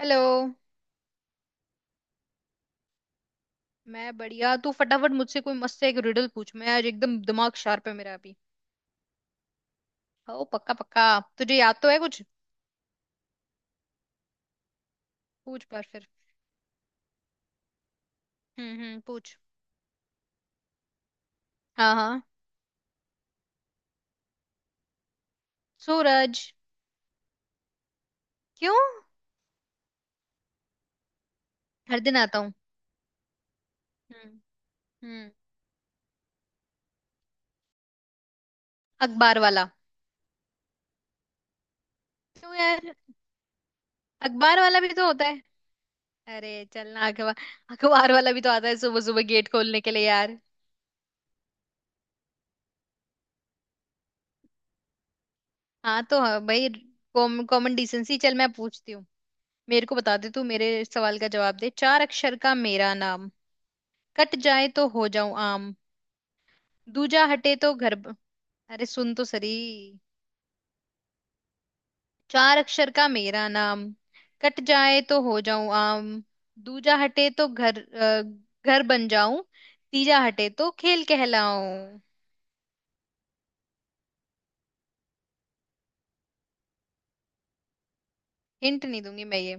Hello. मैं बढ़िया। तू फटाफट मुझसे कोई मस्त सा एक रिडल पूछ। मैं आज एकदम दिमाग शार्प है मेरा अभी। ओ पक्का पक्का। तुझे याद तो है कुछ? पूछ पर फिर। हम्म, हम्म, पूछ। हाँ हाँ। सूरज। क्यों? हर दिन आता हूँ। हम्म, हम्म। अखबार वाला। क्यों यार? अखबार वाला भी तो होता है। अरे चलना अखबार। अखबार वाला भी तो आता है सुबह सुबह गेट खोलने के लिए यार। हाँ तो हाँ, भाई। Common decency. चल मैं पूछती हूँ। मेरे को बता दे, तू मेरे सवाल का जवाब दे। चार अक्षर का मेरा नाम, कट जाए तो हो जाऊं आम, दूजा हटे तो घर अरे सुन तो सरी। चार अक्षर का मेरा नाम, कट जाए तो हो जाऊं आम, दूजा हटे तो घर बन जाऊं, तीजा हटे तो खेल कहलाऊं। हिंट नहीं दूंगी मैं ये।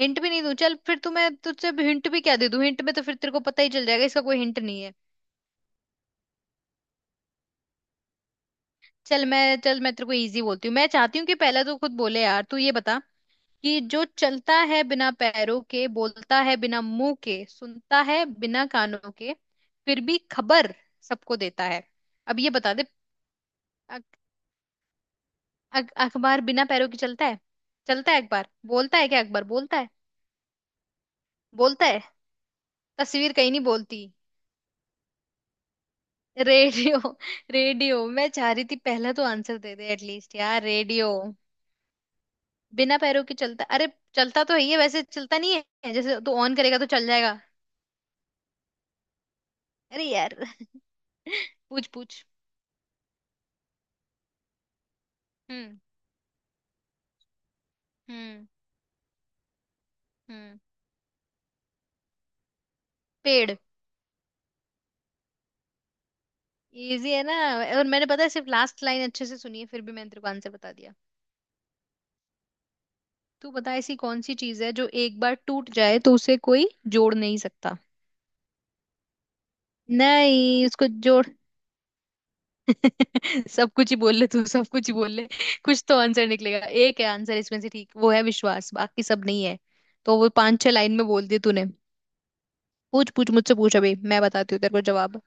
हिंट भी नहीं दूं? चल फिर तू, मैं तुझसे हिंट भी क्या दे दूं? हिंट में तो फिर तेरे को पता ही चल जाएगा, इसका कोई हिंट नहीं है। चल मैं तेरे को इजी बोलती हूँ। मैं चाहती हूँ कि पहले तू खुद बोले, यार तू ये बता कि जो चलता है बिना पैरों के, बोलता है बिना मुंह के, सुनता है बिना कानों के, फिर भी खबर सबको देता है। अब ये बता दे। अख- अखबार बिना पैरों के चलता है। चलता है अखबार, बोलता है क्या अखबार? बोलता है बोलता है। तस्वीर कहीं नहीं बोलती। रेडियो। रेडियो, मैं चाह रही थी पहला तो आंसर दे दे एटलीस्ट यार, रेडियो। बिना पैरों के चलता, अरे। चलता तो है ये वैसे, चलता नहीं है, जैसे तू ऑन करेगा तो चल जाएगा। अरे यार। पूछ पूछ। हम्म, हम्म, हम्म। पेड़। इजी है ना? और मैंने पता है सिर्फ लास्ट लाइन अच्छे से सुनी है, फिर भी मैंने तेरे को आंसर बता दिया। तू बता, ऐसी कौन सी चीज है जो एक बार टूट जाए तो उसे कोई जोड़ नहीं सकता? नहीं, उसको जोड़। सब कुछ ही बोल ले तू, सब कुछ ही बोल ले। कुछ तो आंसर निकलेगा। एक है आंसर इसमें से, ठीक वो है विश्वास, बाकी सब नहीं है। तो वो पांच छह लाइन में बोल दी तूने। पूछ पूछ मुझसे, पूछ अभी मैं बताती हूँ तेरे को जवाब।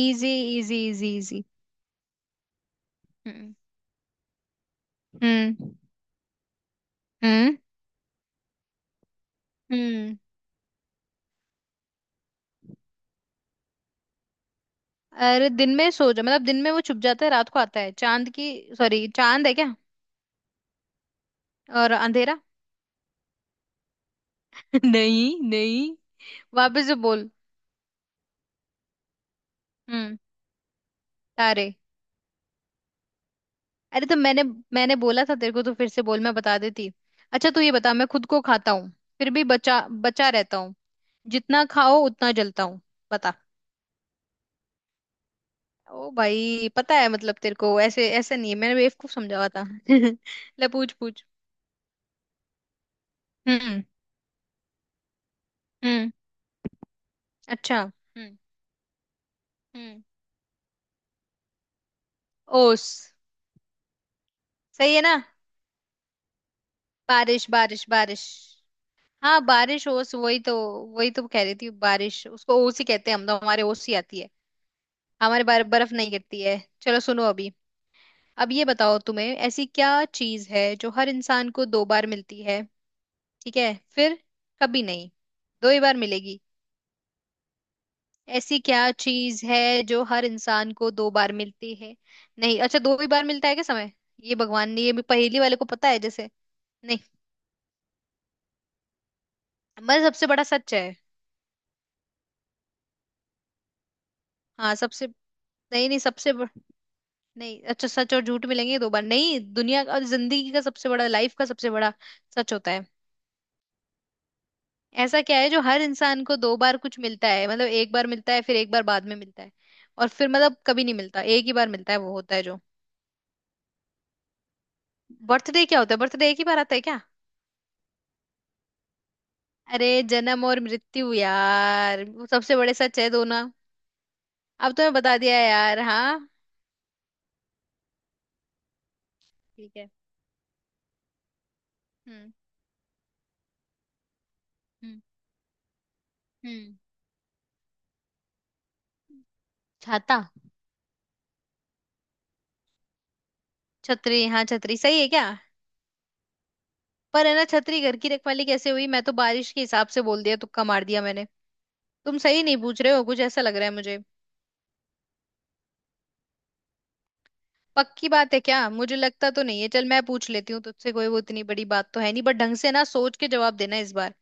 इजी। Easy easy easy. हम्म, हम्म, हम्म, हम्म। अरे दिन में सो जा, मतलब दिन में वो छुप जाता है, रात को आता है चांद की। सॉरी, चांद है क्या? और अंधेरा? नहीं नहीं। वापस से बोल। हम्म। तारे। अरे तो मैंने मैंने बोला था तेरे को, तो फिर से बोल मैं बता देती। अच्छा तू ये बता, मैं खुद को खाता हूँ, फिर भी बचा बचा रहता हूँ, जितना खाओ उतना जलता हूँ, बता। ओ भाई, पता है, मतलब तेरे को ऐसे ऐसा नहीं है, मैंने बेवकूफ समझा हुआ था। ले पूछ पूछ। हम्म, हम्म, अच्छा, हम्म। हम्म। ओस। सही है ना? बारिश बारिश बारिश। हाँ, बारिश ओस वही तो। वही तो कह रही थी बारिश, उसको ओस ही कहते हैं हम तो, हमारे ओस ही आती है। हमारे बार बर्फ नहीं गिरती है। चलो सुनो अभी। अब ये बताओ तुम्हें, ऐसी क्या चीज है जो हर इंसान को दो बार मिलती है? ठीक है फिर। कभी नहीं। दो ही बार मिलेगी। ऐसी क्या चीज है जो हर इंसान को दो बार मिलती है? नहीं, अच्छा दो ही बार मिलता है क्या समय? ये भगवान ने, ये भी पहेली वाले को पता है जैसे। नहीं। मैं सबसे बड़ा सच है। हाँ सबसे। नहीं नहीं सबसे नहीं अच्छा, सच और झूठ मिलेंगे ये दो बार नहीं, दुनिया का और जिंदगी का सबसे बड़ा, लाइफ का सबसे बड़ा सच होता है। ऐसा क्या है जो हर इंसान को दो बार कुछ मिलता है, मतलब एक बार मिलता है फिर एक बार बाद में मिलता है, और फिर मतलब कभी नहीं मिलता, एक ही बार मिलता है वो होता है जो। बर्थडे क्या होता है? बर्थडे एक ही बार आता है क्या? अरे जन्म और मृत्यु यार, वो सबसे बड़े सच है दोनों। अब तो मैं बता दिया है यार, हाँ। ठीक है। हम्म, हम्म, हम्म। छाता। छतरी, हाँ छतरी सही है क्या? पर है ना, छतरी घर की रखवाली कैसे हुई? मैं तो बारिश के हिसाब से बोल दिया, तुक्का मार दिया मैंने। तुम सही नहीं पूछ रहे हो कुछ, ऐसा लग रहा है मुझे। पक्की बात है क्या? मुझे लगता तो नहीं है। चल मैं पूछ लेती हूँ तुझसे कोई, वो इतनी बड़ी बात तो है नहीं, बट ढंग से ना सोच के जवाब देना इस बार।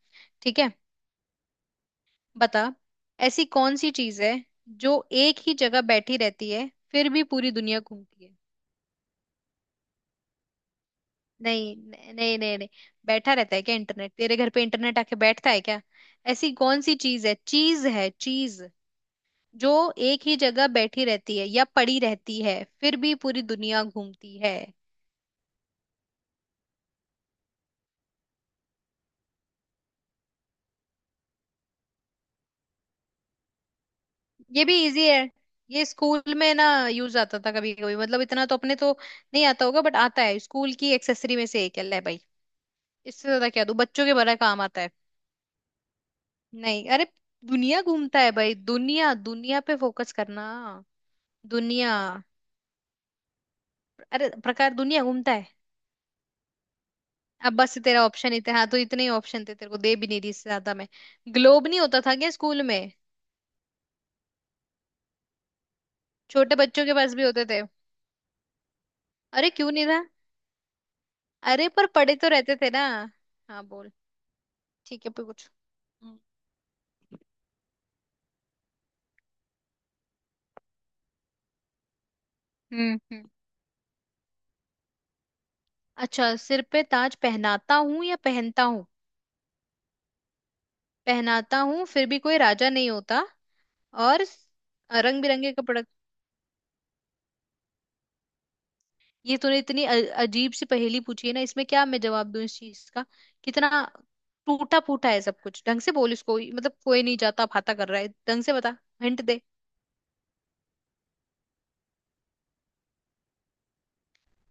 ठीक है। बता। ऐसी कौन सी चीज है जो एक ही जगह बैठी रहती है, फिर भी पूरी दुनिया घूमती है? नहीं नहीं नहीं नहीं नहीं। बैठा रहता है क्या इंटरनेट? तेरे घर पे इंटरनेट आके बैठता है क्या? ऐसी कौन सी चीज है, चीज है, चीज जो एक ही जगह बैठी रहती है या पड़ी रहती है, फिर भी पूरी दुनिया घूमती है? ये भी इजी है। ये स्कूल में ना यूज आता था कभी कभी, मतलब इतना तो अपने तो नहीं आता होगा, बट आता है, स्कूल की एक्सेसरी में से एक है ले भाई। इससे ज्यादा क्या दूं, बच्चों के बड़ा काम आता है। नहीं अरे। दुनिया घूमता है भाई, दुनिया, दुनिया पे फोकस करना। दुनिया। अरे प्रकार दुनिया घूमता है? अब बस तेरा ऑप्शन ही था, हाँ तो इतने ही ऑप्शन थे तेरे को, दे भी नहीं रही इससे ज्यादा मैं। ग्लोब नहीं होता था क्या स्कूल में? छोटे बच्चों के पास भी होते थे। अरे क्यों नहीं था? अरे पर पड़े तो रहते थे ना। हाँ बोल। ठीक है पूछ। हम्म, हम्म, हम्म। अच्छा सिर पे ताज पहनाता हूँ या पहनता हूँ? पहनाता हूँ, फिर भी कोई राजा नहीं होता। और रंग बिरंगे कपड़े। ये तूने इतनी अजीब सी पहेली पूछी है ना, इसमें क्या मैं जवाब दूं इस चीज का? कितना टूटा फूटा है सब कुछ, ढंग से बोल इसको, मतलब कोई नहीं जाता फाता कर रहा है, ढंग से बता। हिंट दे।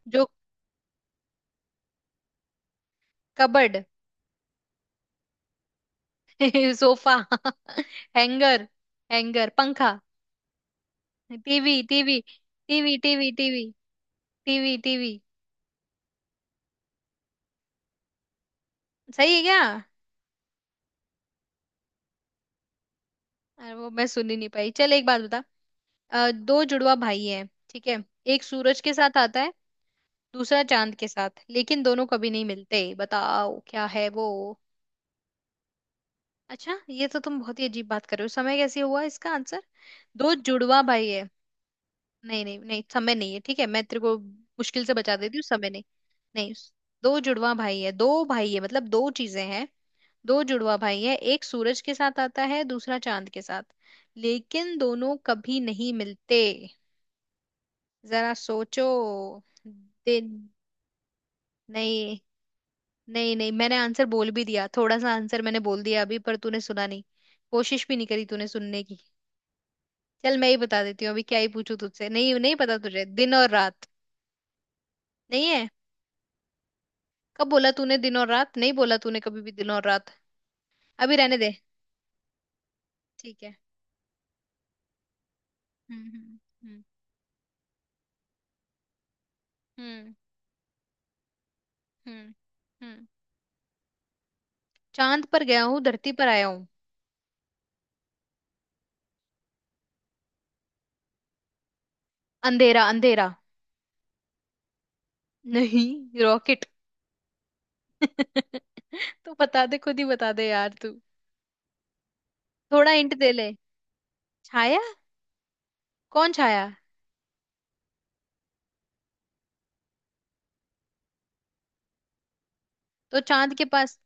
जो। कबर्ड। सोफा। हैंगर। हैंगर, पंखा। TV TV TV TV TV TV TV. सही है क्या? अरे वो मैं सुन ही नहीं पाई, चल एक बात बता। दो जुड़वा भाई हैं, ठीक है? एक सूरज के साथ आता है, दूसरा चांद के साथ, लेकिन दोनों कभी नहीं मिलते, बताओ क्या है वो? अच्छा ये तो तुम बहुत ही अजीब बात कर रहे हो, समय कैसे हुआ इसका आंसर? दो जुड़वा भाई है। नहीं नहीं नहीं समय नहीं है, ठीक है मैं तेरे को मुश्किल से बचा देती हूँ, समय नहीं। नहीं। दो जुड़वा भाई है, दो भाई है मतलब दो चीजें हैं। दो जुड़वा भाई है, एक सूरज के साथ आता है, दूसरा चांद के साथ, लेकिन दोनों कभी नहीं मिलते। जरा सोचो। दिन। नहीं नहीं नहीं, मैंने आंसर बोल भी दिया थोड़ा सा, आंसर मैंने बोल दिया अभी, पर तूने सुना नहीं, कोशिश भी नहीं करी तूने सुनने की। चल मैं ही बता देती हूँ, अभी क्या ही पूछूं तुझसे, नहीं नहीं पता तुझे, दिन और रात। नहीं है। कब बोला तूने दिन और रात? नहीं बोला तूने कभी भी दिन और रात। अभी रहने दे। ठीक है। हम्म हम्म हम्म हम्म हम्म हम्म। चांद पर गया हूँ धरती पर आया हूँ। अंधेरा, अंधेरा। नहीं, रॉकेट। तू बता दे, खुद ही बता दे यार तू। थोड़ा हिंट दे ले। छाया। कौन छाया? तो चांद के पास,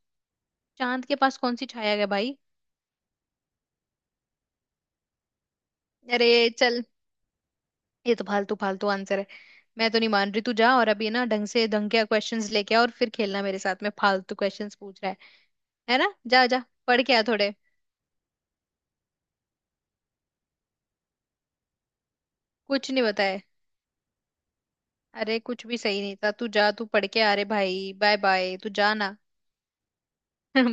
चांद के पास कौन सी छाया है भाई? अरे चल, ये तो फालतू फालतू आंसर है। मैं तो नहीं मान रही, तू जा और अभी ना ढंग से, ढंग के क्वेश्चंस लेके आ और फिर खेलना मेरे साथ में, फालतू क्वेश्चंस पूछ रहा है। है ना, जा जा पढ़ के आ थोड़े। कुछ नहीं बताए। अरे कुछ भी सही नहीं था, तू जा, तू पढ़ के आ रे भाई, बाय बाय तू जा ना।